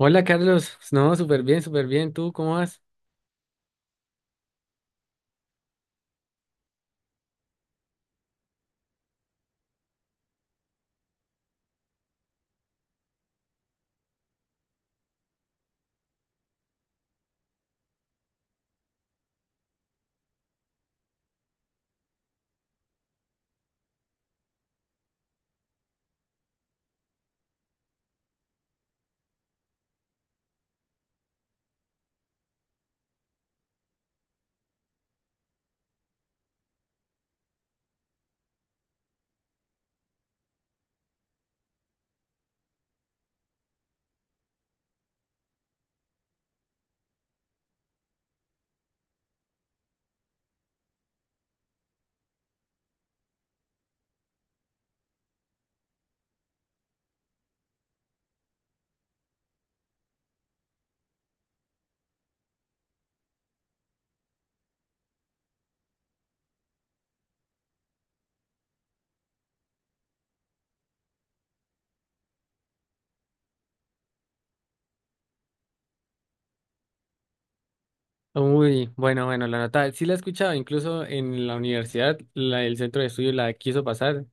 Hola Carlos, no, súper bien, súper bien. ¿Tú cómo vas? Uy, bueno, bueno, la nota sí la he escuchado, incluso en la universidad, el centro de estudio la quiso pasar,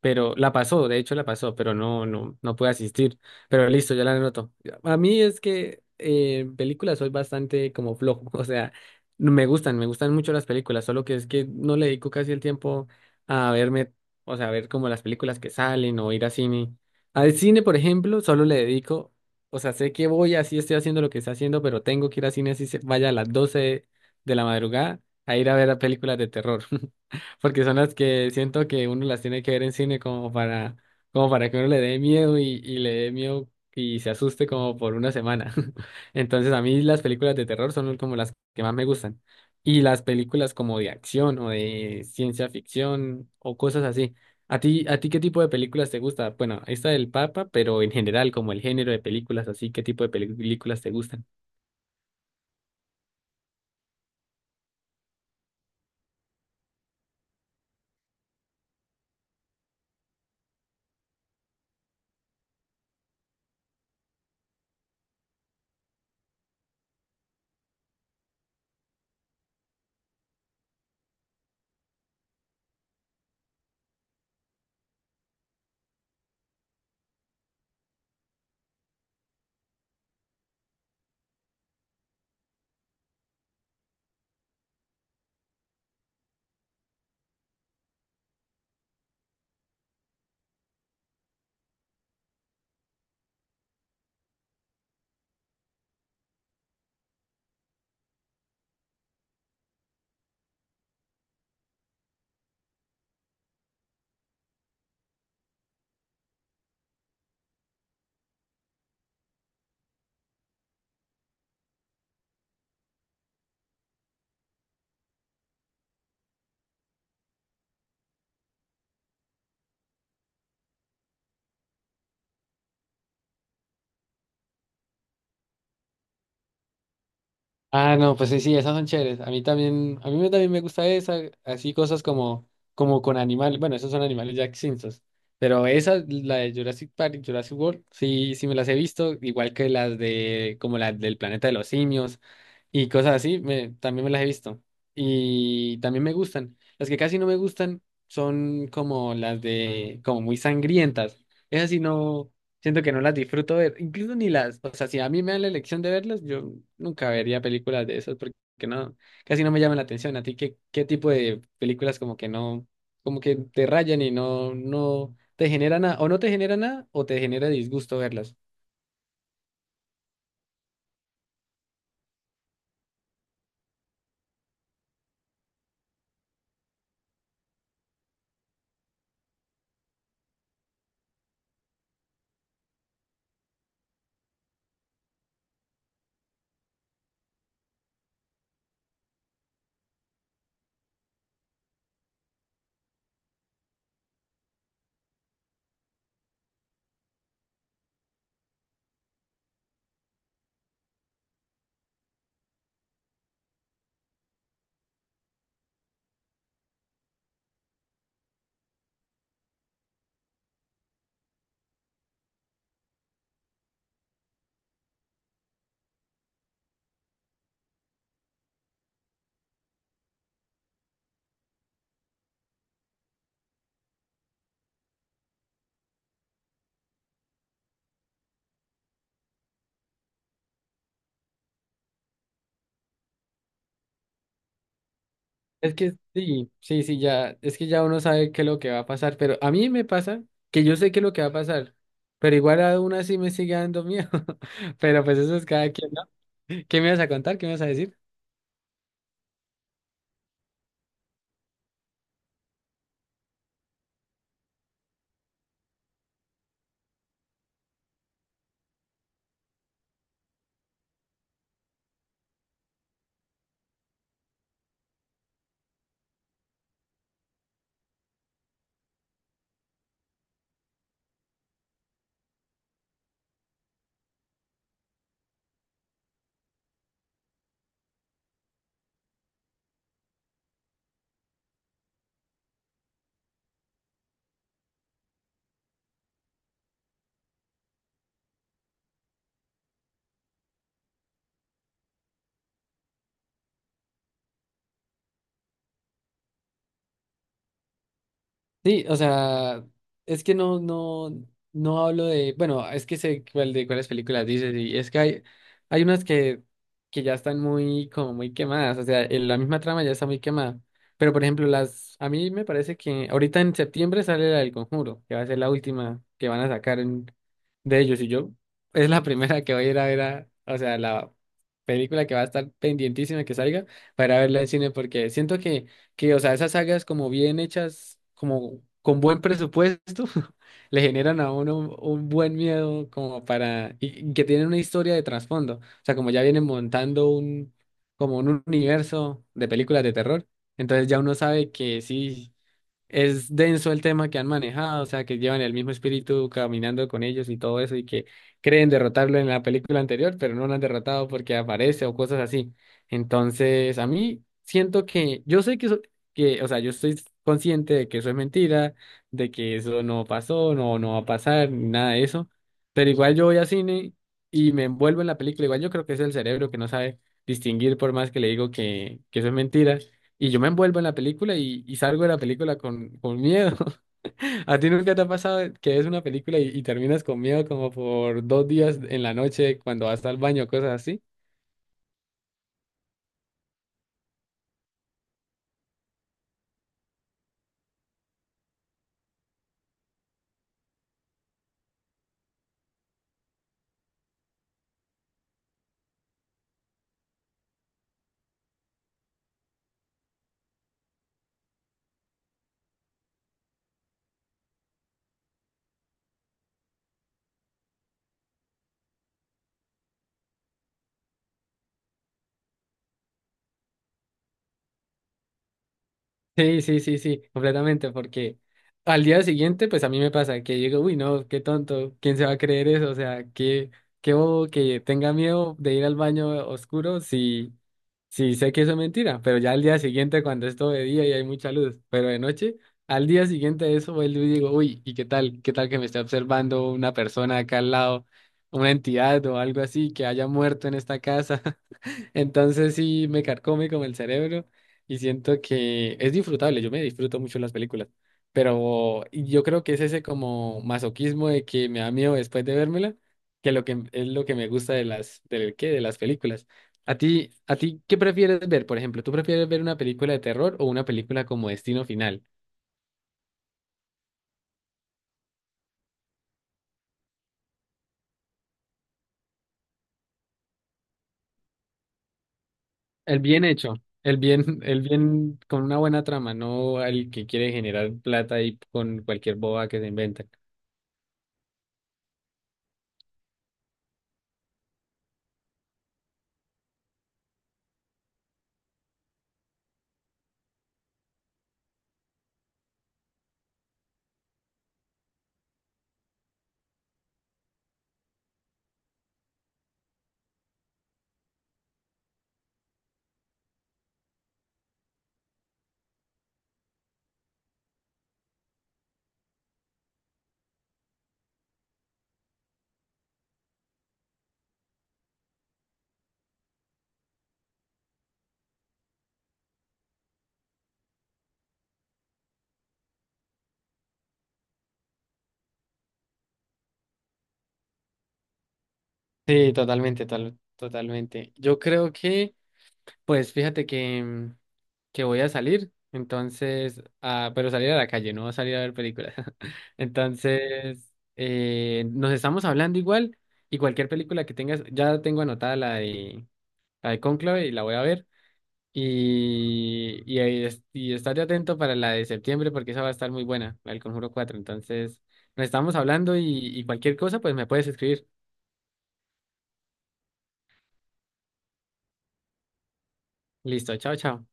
pero la pasó, de hecho la pasó, pero no pude asistir. Pero listo, ya la anoto. A mí es que en películas soy bastante como flojo, o sea, no me gustan, me gustan mucho las películas, solo que es que no le dedico casi el tiempo a verme, o sea, a ver como las películas que salen o ir a cine. Al cine, por ejemplo, solo le dedico, o sea, sé que voy, así estoy haciendo lo que estoy haciendo, pero tengo que ir al cine así se vaya a las 12 de la madrugada a ir a ver películas de terror, porque son las que siento que uno las tiene que ver en cine como para, como para que uno le dé miedo y, le dé miedo y se asuste como por una semana. Entonces, a mí las películas de terror son como las que más me gustan. Y las películas como de acción o de ciencia ficción o cosas así. ¿A ti, qué tipo de películas te gusta? Bueno, esta del Papa, pero en general, como el género de películas, así, ¿qué tipo de películas te gustan? Ah, no, pues sí, sí, esas son chéveres. A mí también, a mí también me gusta esa, así cosas como, como con animales. Bueno, esos son animales ya extintos. Pero esa, la de Jurassic Park y Jurassic World, sí, sí me las he visto, igual que las de, como las del Planeta de los Simios, y cosas así, también me las he visto. Y también me gustan. Las que casi no me gustan son como las de, como muy sangrientas. Esas sí no, siento que no las disfruto ver, incluso ni las, o sea, si a mí me dan la elección de verlas, yo nunca vería películas de esas porque no, casi no me llaman la atención. ¿A ti qué, qué tipo de películas como que no, como que te rayan y no, no te genera nada, o no te genera nada, o te genera disgusto verlas? Es que sí, sí, sí, ya, es que ya uno sabe qué es lo que va a pasar, pero a mí me pasa que yo sé qué es lo que va a pasar, pero igual aún así me sigue dando miedo, pero pues eso es cada quien, ¿no? ¿Qué me vas a contar? ¿Qué me vas a decir? Sí, o sea, es que no hablo de, bueno, es que sé cuál de cuáles películas dices, y es que hay unas que ya están muy, como muy quemadas, o sea, en la misma trama ya está muy quemada. Pero por ejemplo, las, a mí me parece que ahorita en septiembre sale la del Conjuro, que va a ser la última que van a sacar de ellos, y yo, es la primera que voy a ir a ver a, o sea, la película que va a estar pendientísima que salga para verla en cine, porque siento que, o sea, esas sagas como bien hechas, como con buen presupuesto, le generan a uno un buen miedo como para, y que tienen una historia de trasfondo, o sea, como ya vienen montando como un universo de películas de terror, entonces ya uno sabe que sí es denso el tema que han manejado, o sea, que llevan el mismo espíritu caminando con ellos y todo eso, y que creen derrotarlo en la película anterior, pero no lo han derrotado porque aparece o cosas así. Entonces, a mí siento que, yo sé que eso, que, o sea, yo estoy consciente de que eso es mentira, de que eso no pasó, no va a pasar, ni nada de eso, pero igual yo voy al cine y me envuelvo en la película, igual yo creo que es el cerebro que no sabe distinguir por más que le digo que eso es mentira y yo me envuelvo en la película y, salgo de la película con miedo. ¿A ti nunca te ha pasado que ves una película y, terminas con miedo como por dos días en la noche cuando vas al baño, cosas así? Sí, sí, sí, sí, completamente, porque al día siguiente, pues a mí me pasa que digo, uy, no, qué tonto, ¿quién se va a creer eso? O sea, qué, qué bobo que tenga miedo de ir al baño oscuro si, sí, sé que eso es mentira, pero ya al día siguiente, cuando es todo de día y hay mucha luz, pero de noche, al día siguiente de eso, vuelvo y digo, uy, ¿y qué tal? ¿Qué tal que me esté observando una persona acá al lado, una entidad o algo así que haya muerto en esta casa? Entonces sí me carcome como el cerebro y siento que es disfrutable, yo me disfruto mucho las películas, pero yo creo que es ese como masoquismo de que me da miedo después de vérmela, que lo que es lo que me gusta de las del qué de las películas. A ti, ¿qué prefieres ver? Por ejemplo, ¿tú prefieres ver una película de terror o una película como Destino Final? El bien hecho, el bien con una buena trama, no el que quiere generar plata y con cualquier boba que se inventa. Sí, totalmente, totalmente. Yo creo que, pues fíjate que, que voy a salir, entonces, ah, pero salir a la calle, no salir a ver películas. Entonces, nos estamos hablando igual y cualquier película que tengas, ya tengo anotada la de Cónclave y la voy a ver. Y, y estate atento para la de septiembre porque esa va a estar muy buena, la del Conjuro 4. Entonces, nos estamos hablando y cualquier cosa, pues me puedes escribir. Listo, chao, chao.